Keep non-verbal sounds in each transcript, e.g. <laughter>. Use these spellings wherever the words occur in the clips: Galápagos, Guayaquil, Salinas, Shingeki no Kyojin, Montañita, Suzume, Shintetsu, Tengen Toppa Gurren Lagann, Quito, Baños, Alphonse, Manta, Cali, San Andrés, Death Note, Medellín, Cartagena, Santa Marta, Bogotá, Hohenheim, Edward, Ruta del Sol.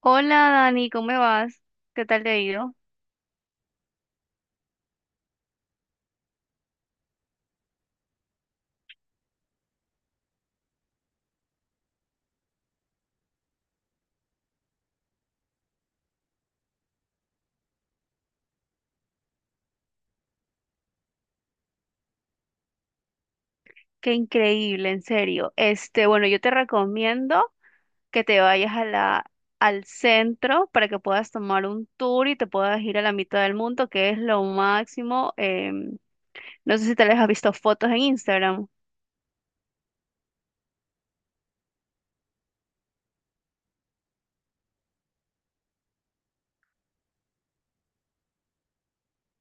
Hola Dani, ¿cómo vas? ¿Qué tal te ha ido? Qué increíble, en serio. Este, bueno, yo te recomiendo que te vayas a al centro para que puedas tomar un tour y te puedas ir a la mitad del mundo, que es lo máximo. No sé si te les has visto fotos en Instagram.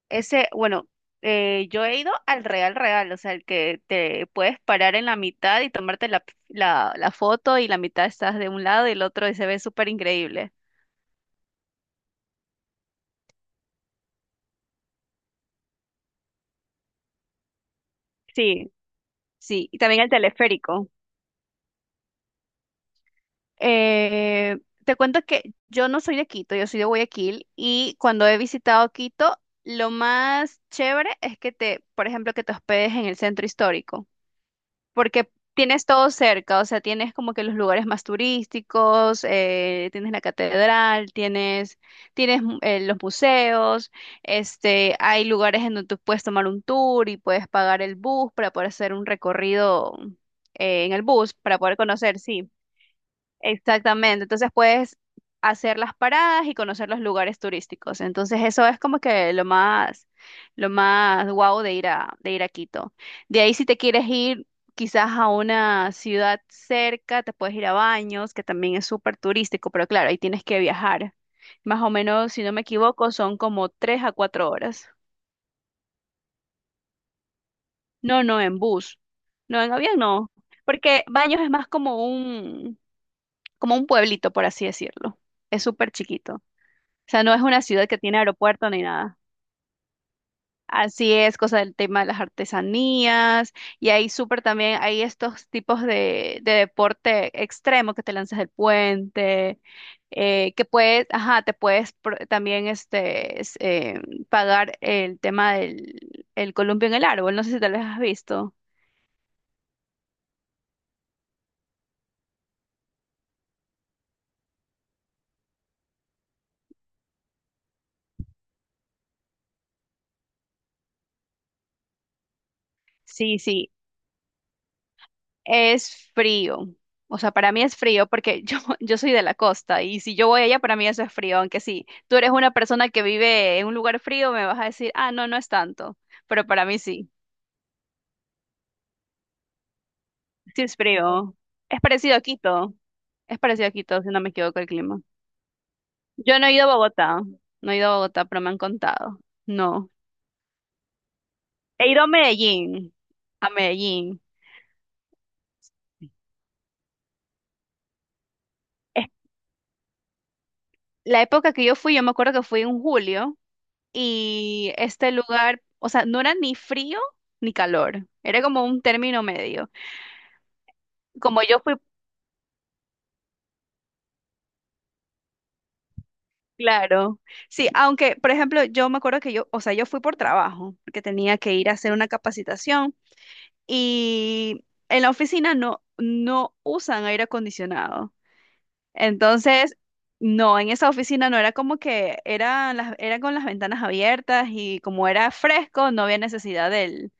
Ese, bueno, yo he ido al Real Real, o sea, el que te puedes parar en la mitad y tomarte la foto y la mitad estás de un lado y el otro y se ve súper increíble. Sí. Sí, y también el teleférico. Eh, Te cuento que yo no soy de Quito, yo soy de Guayaquil y cuando he visitado Quito, lo más chévere es que por ejemplo, que te hospedes en el centro histórico, porque tienes todo cerca, o sea, tienes como que los lugares más turísticos, tienes la catedral, tienes los museos. Este, hay lugares en donde tú puedes tomar un tour y puedes pagar el bus para poder hacer un recorrido en el bus, para poder conocer, sí. Exactamente, entonces puedes hacer las paradas y conocer los lugares turísticos. Entonces eso es como que lo más guau de ir de ir a Quito. De ahí si te quieres ir quizás a una ciudad cerca, te puedes ir a Baños, que también es súper turístico, pero claro, ahí tienes que viajar. Más o menos, si no me equivoco, son como tres a cuatro horas. No, no, en bus. No, en avión no. Porque Baños es más como un pueblito, por así decirlo. Es súper chiquito. O sea, no es una ciudad que tiene aeropuerto ni nada. Así es, cosa del tema de las artesanías. Y ahí súper también hay estos tipos de deporte extremo que te lanzas del puente, ajá, te puedes pagar el tema del el columpio en el árbol. No sé si te lo has visto. Sí, sí. Es frío. O sea, para mí es frío porque yo, <laughs> yo soy de la costa y si yo voy allá, para mí eso es frío. Aunque sí, tú eres una persona que vive en un lugar frío, me vas a decir, ah, no, no es tanto. Pero para mí sí, sí es frío. Es parecido a Quito. Es parecido a Quito, si no me equivoco el clima. Yo no he ido a Bogotá. No he ido a Bogotá, pero me han contado. No. He ido a Medellín. A Medellín. Es- La época que yo fui, yo me acuerdo que fui en julio. Y este lugar, o sea, no era ni frío ni calor, era como un término medio. Como yo fui, claro, sí, aunque, por ejemplo, yo me acuerdo que yo, o sea, yo fui por trabajo, porque tenía que ir a hacer una capacitación y en la oficina no usan aire acondicionado. Entonces, no, en esa oficina no era como que eran las, era con las ventanas abiertas y como era fresco, no había necesidad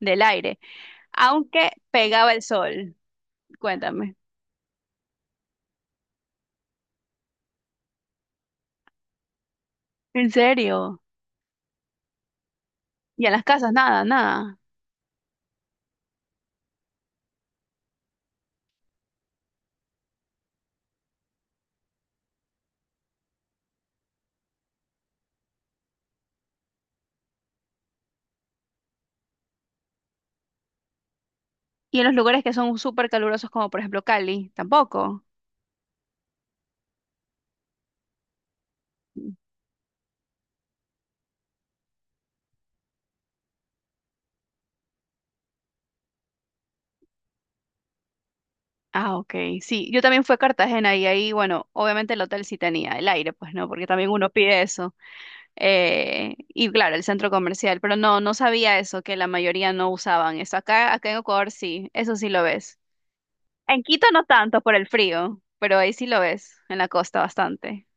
del aire, aunque pegaba el sol. Cuéntame. ¿En serio? ¿Y en las casas? Nada, nada. ¿Y en los lugares que son súper calurosos como por ejemplo Cali? Tampoco. Ah, ok. Sí, yo también fui a Cartagena y ahí, bueno, obviamente el hotel sí tenía el aire, pues no, porque también uno pide eso. Y claro, el centro comercial, pero no, no sabía eso, que la mayoría no usaban eso. Acá en Ecuador sí, eso sí lo ves. En Quito no tanto por el frío, pero ahí sí lo ves, en la costa bastante.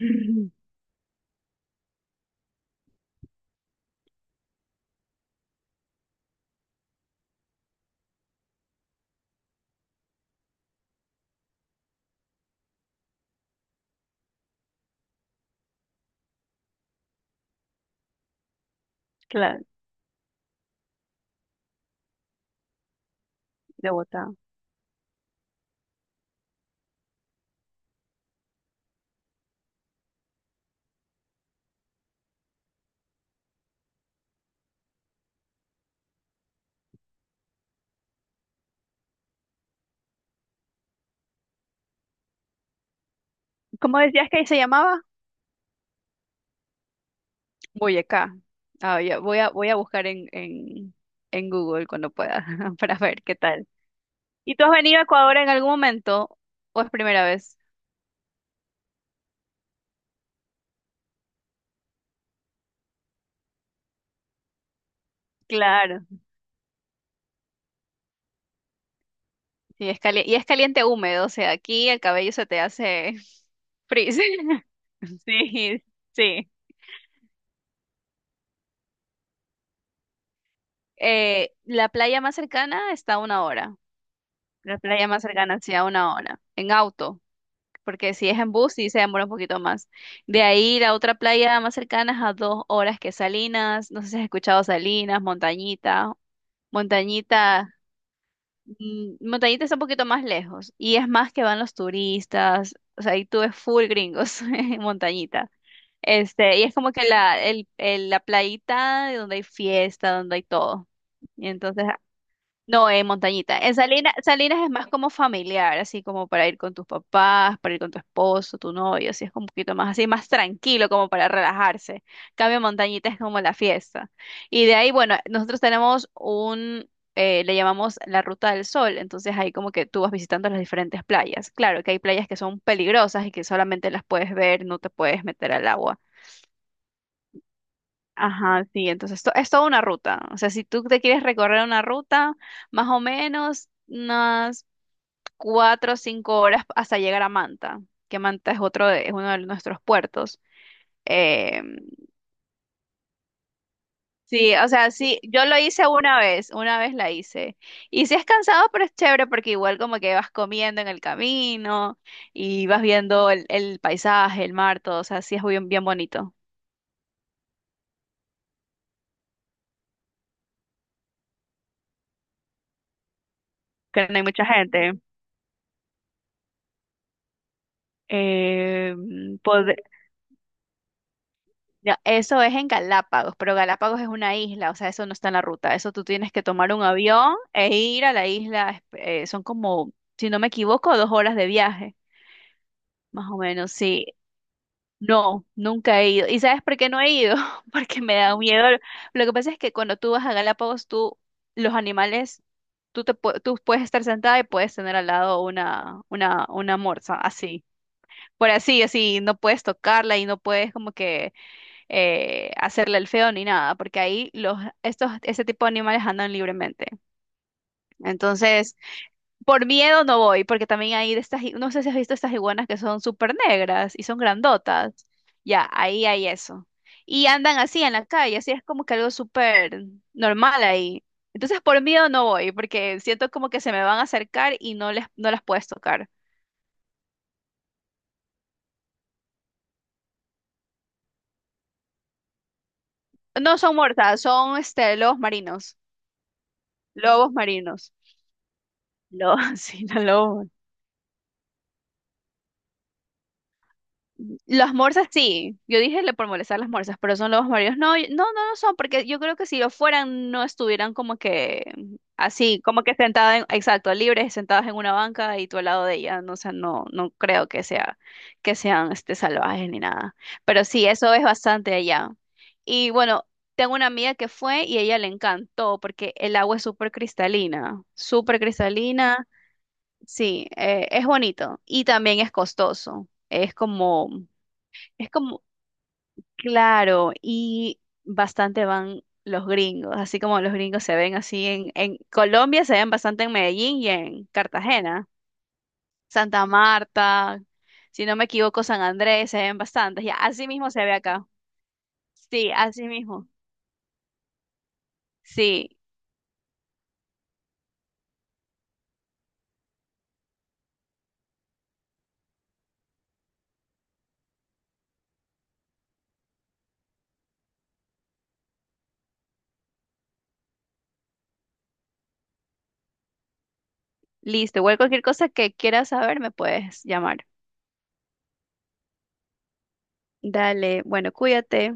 <laughs> Claro, de Bogotá. ¿Cómo decías que se llamaba? Voy acá. Ah, ya, voy a buscar en Google cuando pueda <laughs> para ver qué tal. ¿Y tú has venido a Ecuador en algún momento o es primera vez? Claro. Y es caliente húmedo, o sea, aquí el cabello se te hace <laughs> frizz. <laughs> Sí, sí. La playa más cercana está a una hora. La playa más cercana, sí, a una hora. En auto, porque si es en bus sí se demora un poquito más. De ahí la otra playa más cercana es a dos horas, que Salinas, no sé si has escuchado Salinas, Montañita. Montañita está un poquito más lejos y es más que van los turistas, o sea, ahí tú ves full gringos <laughs> en Montañita. Este, y es como que la playita donde hay fiesta, donde hay todo. Y entonces no, en Montañita. En Salinas, Salinas es más como familiar, así como para ir con tus papás, para ir con tu esposo, tu novio, así es como un poquito más así, más tranquilo, como para relajarse. Cambio Montañita es como la fiesta. Y de ahí, bueno, nosotros tenemos un le llamamos la Ruta del Sol, entonces ahí como que tú vas visitando las diferentes playas. Claro que hay playas que son peligrosas y que solamente las puedes ver, no te puedes meter al agua. Ajá, sí, entonces esto es toda una ruta. O sea, si tú te quieres recorrer una ruta, más o menos unas cuatro o cinco horas hasta llegar a Manta, que Manta es otro de, es uno de nuestros puertos. Eh, sí, o sea, sí, yo lo hice una vez la hice. Y sí es cansado, pero es chévere porque igual como que vas comiendo en el camino y vas viendo el paisaje, el mar, todo, o sea, sí es bien, bien bonito. Que no hay mucha gente. Eh, Ya, eso es en Galápagos, pero Galápagos es una isla, o sea, eso no está en la ruta. Eso tú tienes que tomar un avión e ir a la isla. Son como, si no me equivoco, dos horas de viaje, más o menos, sí. No, nunca he ido. ¿Y sabes por qué no he ido? <laughs> Porque me da miedo. Lo que pasa es que cuando tú vas a Galápagos, tú, los animales, tú puedes estar sentada y puedes tener al lado una morsa, así. Por así, así, no puedes tocarla y no puedes como que hacerle el feo ni nada, porque ahí este tipo de animales andan libremente. Entonces, por miedo no voy, porque también hay de estas, no sé si has visto estas iguanas que son súper negras y son grandotas. Ya, ahí hay eso. Y andan así en la calle, así es como que algo súper normal ahí. Entonces, por miedo no voy, porque siento como que se me van a acercar y no les, no las puedes tocar. No son muertas, son este, lobos marinos. Lobos marinos. Lobos, <laughs> sí, los lobos. Las morsas sí, yo dije le por molestar las morsas, pero son lobos marinos. No, no son, porque yo creo que si lo fueran no estuvieran como que así, como que sentadas, en, exacto, libres, sentadas en una banca y tú al lado de ella, no, o sea, no, no creo que que sean este, salvajes ni nada. Pero sí, eso es bastante allá. Y bueno, tengo una amiga que fue y ella le encantó porque el agua es súper cristalina, sí, es bonito y también es costoso. Es como, claro, y bastante van los gringos, así como los gringos se ven así en Colombia, se ven bastante en Medellín y en Cartagena, Santa Marta, si no me equivoco, San Andrés, se ven bastantes, ya, así mismo se ve acá. Sí, así mismo. Sí, listo, igual cualquier cosa que quieras saber me puedes llamar. Dale, bueno, cuídate.